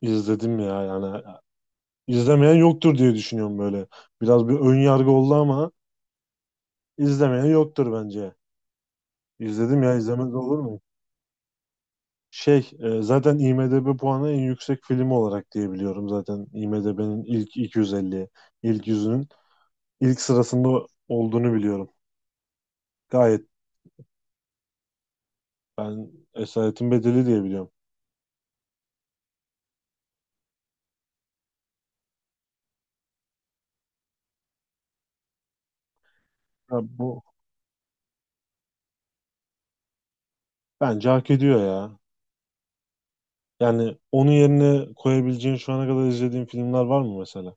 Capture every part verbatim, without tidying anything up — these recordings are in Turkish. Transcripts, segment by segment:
İzledim ya yani. İzlemeyen yoktur diye düşünüyorum böyle. Biraz bir ön yargı oldu ama izlemeyen yoktur bence. İzledim ya izlemez olur mu? Şey e, zaten IMDb puanı en yüksek film olarak diye biliyorum, zaten IMDb'nin ilk iki yüz elli, ilk yüzünün ilk sırasında olduğunu biliyorum. Gayet. Ben Esaretin Bedeli diye biliyorum. Ya bu, bence hak ediyor ya. Yani onun yerine koyabileceğin şu ana kadar izlediğin filmler var mı mesela?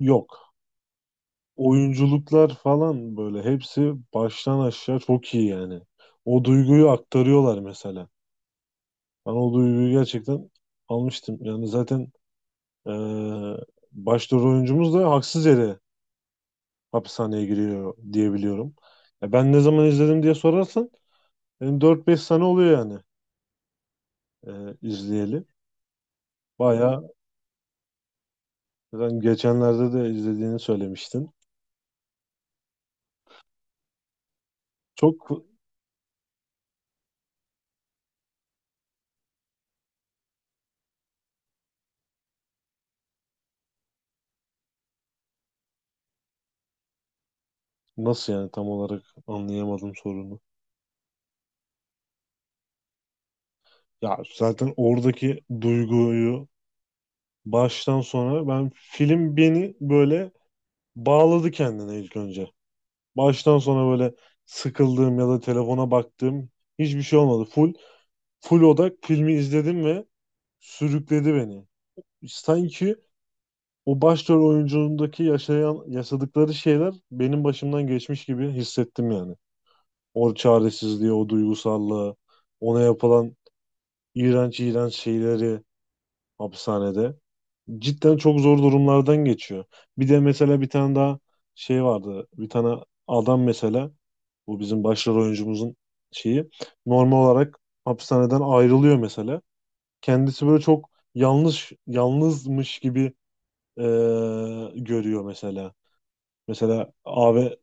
Yok. Oyunculuklar falan böyle hepsi baştan aşağı çok iyi yani. O duyguyu aktarıyorlar mesela. Ben o duyguyu gerçekten almıştım. Yani zaten eee başrol oyuncumuz da haksız yere hapishaneye giriyor diyebiliyorum. Ya ben ne zaman izledim diye sorarsan benim dört beş sene oluyor yani, eee, izleyeli. Bayağı, zaten geçenlerde de izlediğini söylemiştin. Çok. Nasıl yani, tam olarak anlayamadım sorunu. Ya zaten oradaki duyguyu, baştan sona ben, film beni böyle bağladı kendine ilk önce. Baştan sona böyle sıkıldığım ya da telefona baktığım hiçbir şey olmadı. Full full odak filmi izledim ve sürükledi beni. Sanki o başrol oyunculuğundaki yaşayan yaşadıkları şeyler benim başımdan geçmiş gibi hissettim yani. O çaresizliği, o duygusallığı, ona yapılan iğrenç iğrenç şeyleri hapishanede. Cidden çok zor durumlardan geçiyor. Bir de mesela bir tane daha şey vardı. Bir tane adam mesela, bu bizim başrol oyuncumuzun şeyi, normal olarak hapishaneden ayrılıyor mesela. Kendisi böyle çok yanlış, yalnızmış gibi e, görüyor mesela. Mesela abi,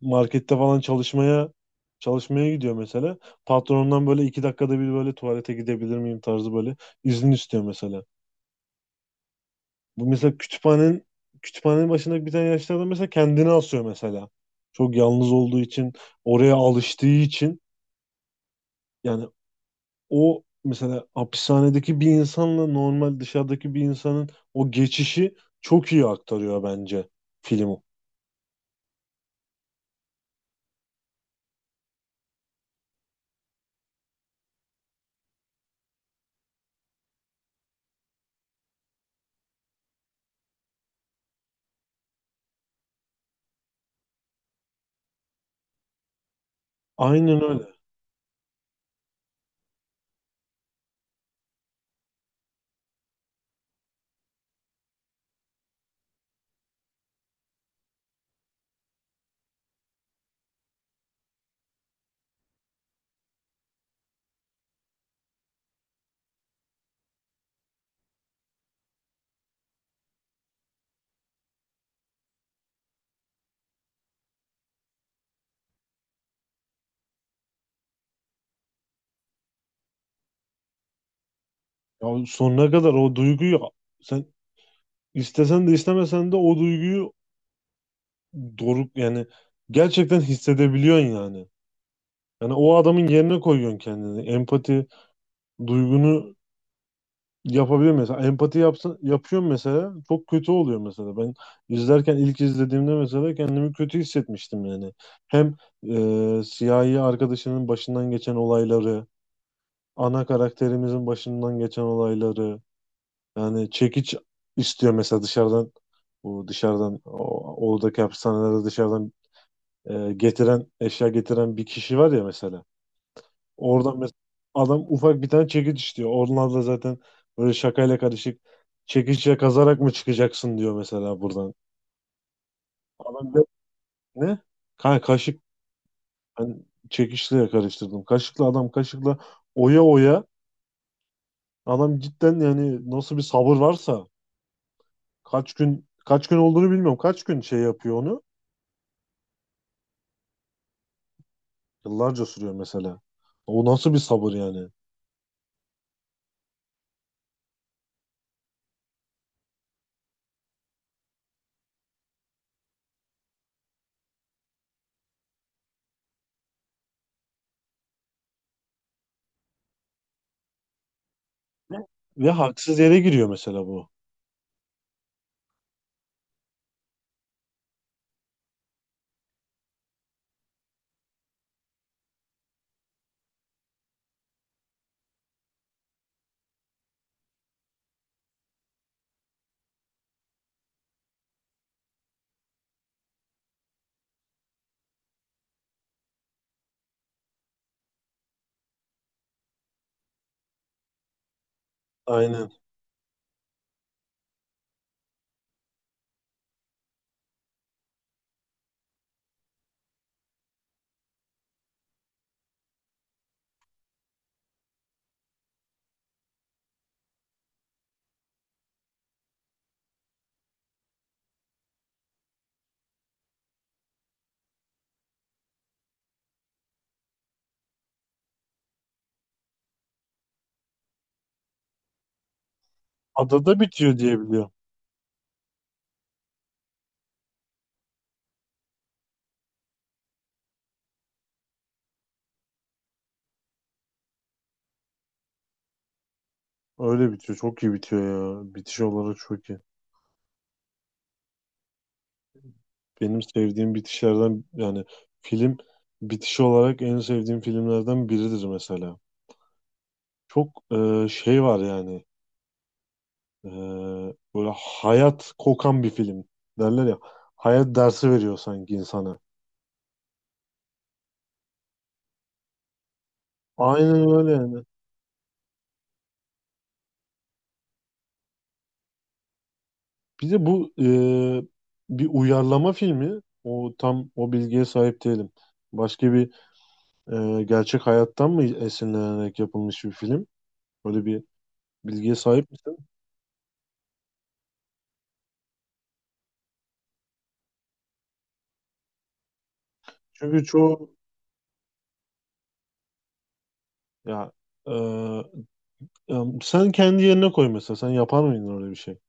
markette falan çalışmaya çalışmaya gidiyor mesela. Patronundan böyle iki dakikada bir böyle tuvalete gidebilir miyim tarzı böyle izin istiyor mesela. Bu mesela, kütüphanenin kütüphanenin başındaki bir tane yaşlı adam mesela kendini asıyor mesela. Çok yalnız olduğu için, oraya alıştığı için yani, o mesela hapishanedeki bir insanla normal dışarıdaki bir insanın o geçişi çok iyi aktarıyor bence film. Aynen öyle. Ya sonuna kadar o duyguyu, sen istesen de istemesen de o duyguyu, doruk yani, gerçekten hissedebiliyorsun yani. Yani o adamın yerine koyuyorsun kendini. Empati duygunu yapabiliyor mesela. Empati yapsın, yapıyorum mesela. Çok kötü oluyor mesela. Ben izlerken, ilk izlediğimde mesela kendimi kötü hissetmiştim yani. Hem e, siyahi arkadaşının başından geçen olayları, ana karakterimizin başından geçen olayları. Yani çekiç istiyor mesela dışarıdan. Bu dışarıdan o, oradaki hapishanelerde dışarıdan e, getiren eşya getiren bir kişi var ya mesela. Oradan mesela adam ufak bir tane çekiç istiyor. Onlar da zaten böyle şakayla karışık, çekiçle kazarak mı çıkacaksın diyor mesela buradan. Adam diyor, ne? Ka kaşık, ben çekiçle karıştırdım. Kaşıkla, adam kaşıkla oya oya, adam cidden yani, nasıl bir sabır varsa, kaç gün kaç gün olduğunu bilmiyorum. Kaç gün şey yapıyor onu? Yıllarca sürüyor mesela. O nasıl bir sabır yani? Ne? Ve haksız yere giriyor mesela bu. Aynen. Adada bitiyor diye biliyorum. Öyle bitiyor. Çok iyi bitiyor ya. Bitiş olarak çok iyi. Benim sevdiğim bitişlerden yani, film bitiş olarak en sevdiğim filmlerden biridir mesela. Çok e, şey var yani. E, böyle hayat kokan bir film derler ya. Hayat dersi veriyor sanki insana. Aynen öyle yani. Bir de bu e, bir uyarlama filmi. O tam o bilgiye sahip değilim. Başka bir e, gerçek hayattan mı esinlenerek yapılmış bir film? Böyle bir bilgiye sahip. Çünkü çoğu. Ya, e, e, sen kendi yerine koy mesela. Sen yapar mıydın öyle bir şey?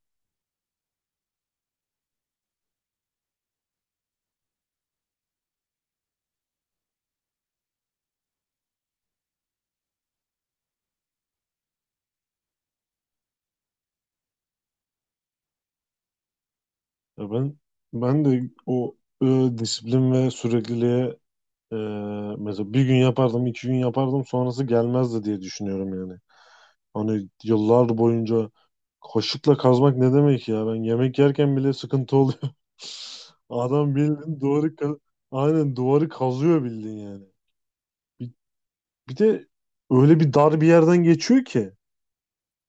Ya ben ben de o e, disiplin ve sürekliliğe e, mesela bir gün yapardım, iki gün yapardım, sonrası gelmezdi diye düşünüyorum yani. Hani yıllar boyunca, kaşıkla kazmak ne demek ya? Ben yemek yerken bile sıkıntı oluyor. Adam bildiğin duvarı ka- aynen duvarı kazıyor bildiğin yani. Bir, bir de öyle bir dar bir yerden geçiyor ki.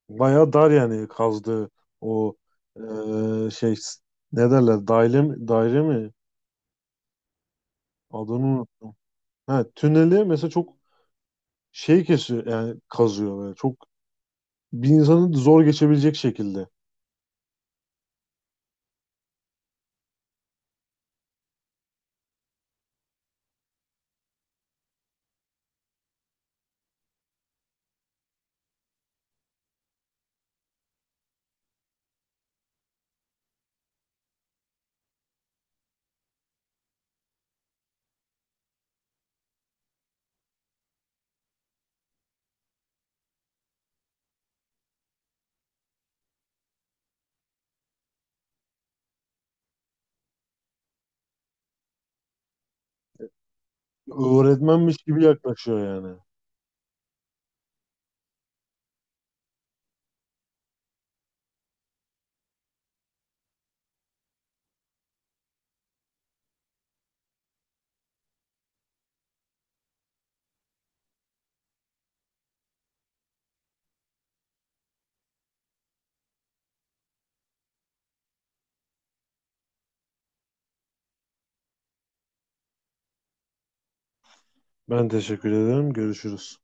Bayağı dar yani kazdığı o eee, şey ne derler, daire mi, daire mi? Adını. ha, tüneli mesela çok şey kesiyor yani, kazıyor böyle. Çok, bir insanın zor geçebilecek şekilde. Öğretmenmiş gibi yaklaşıyor yani. Ben teşekkür ederim. Görüşürüz.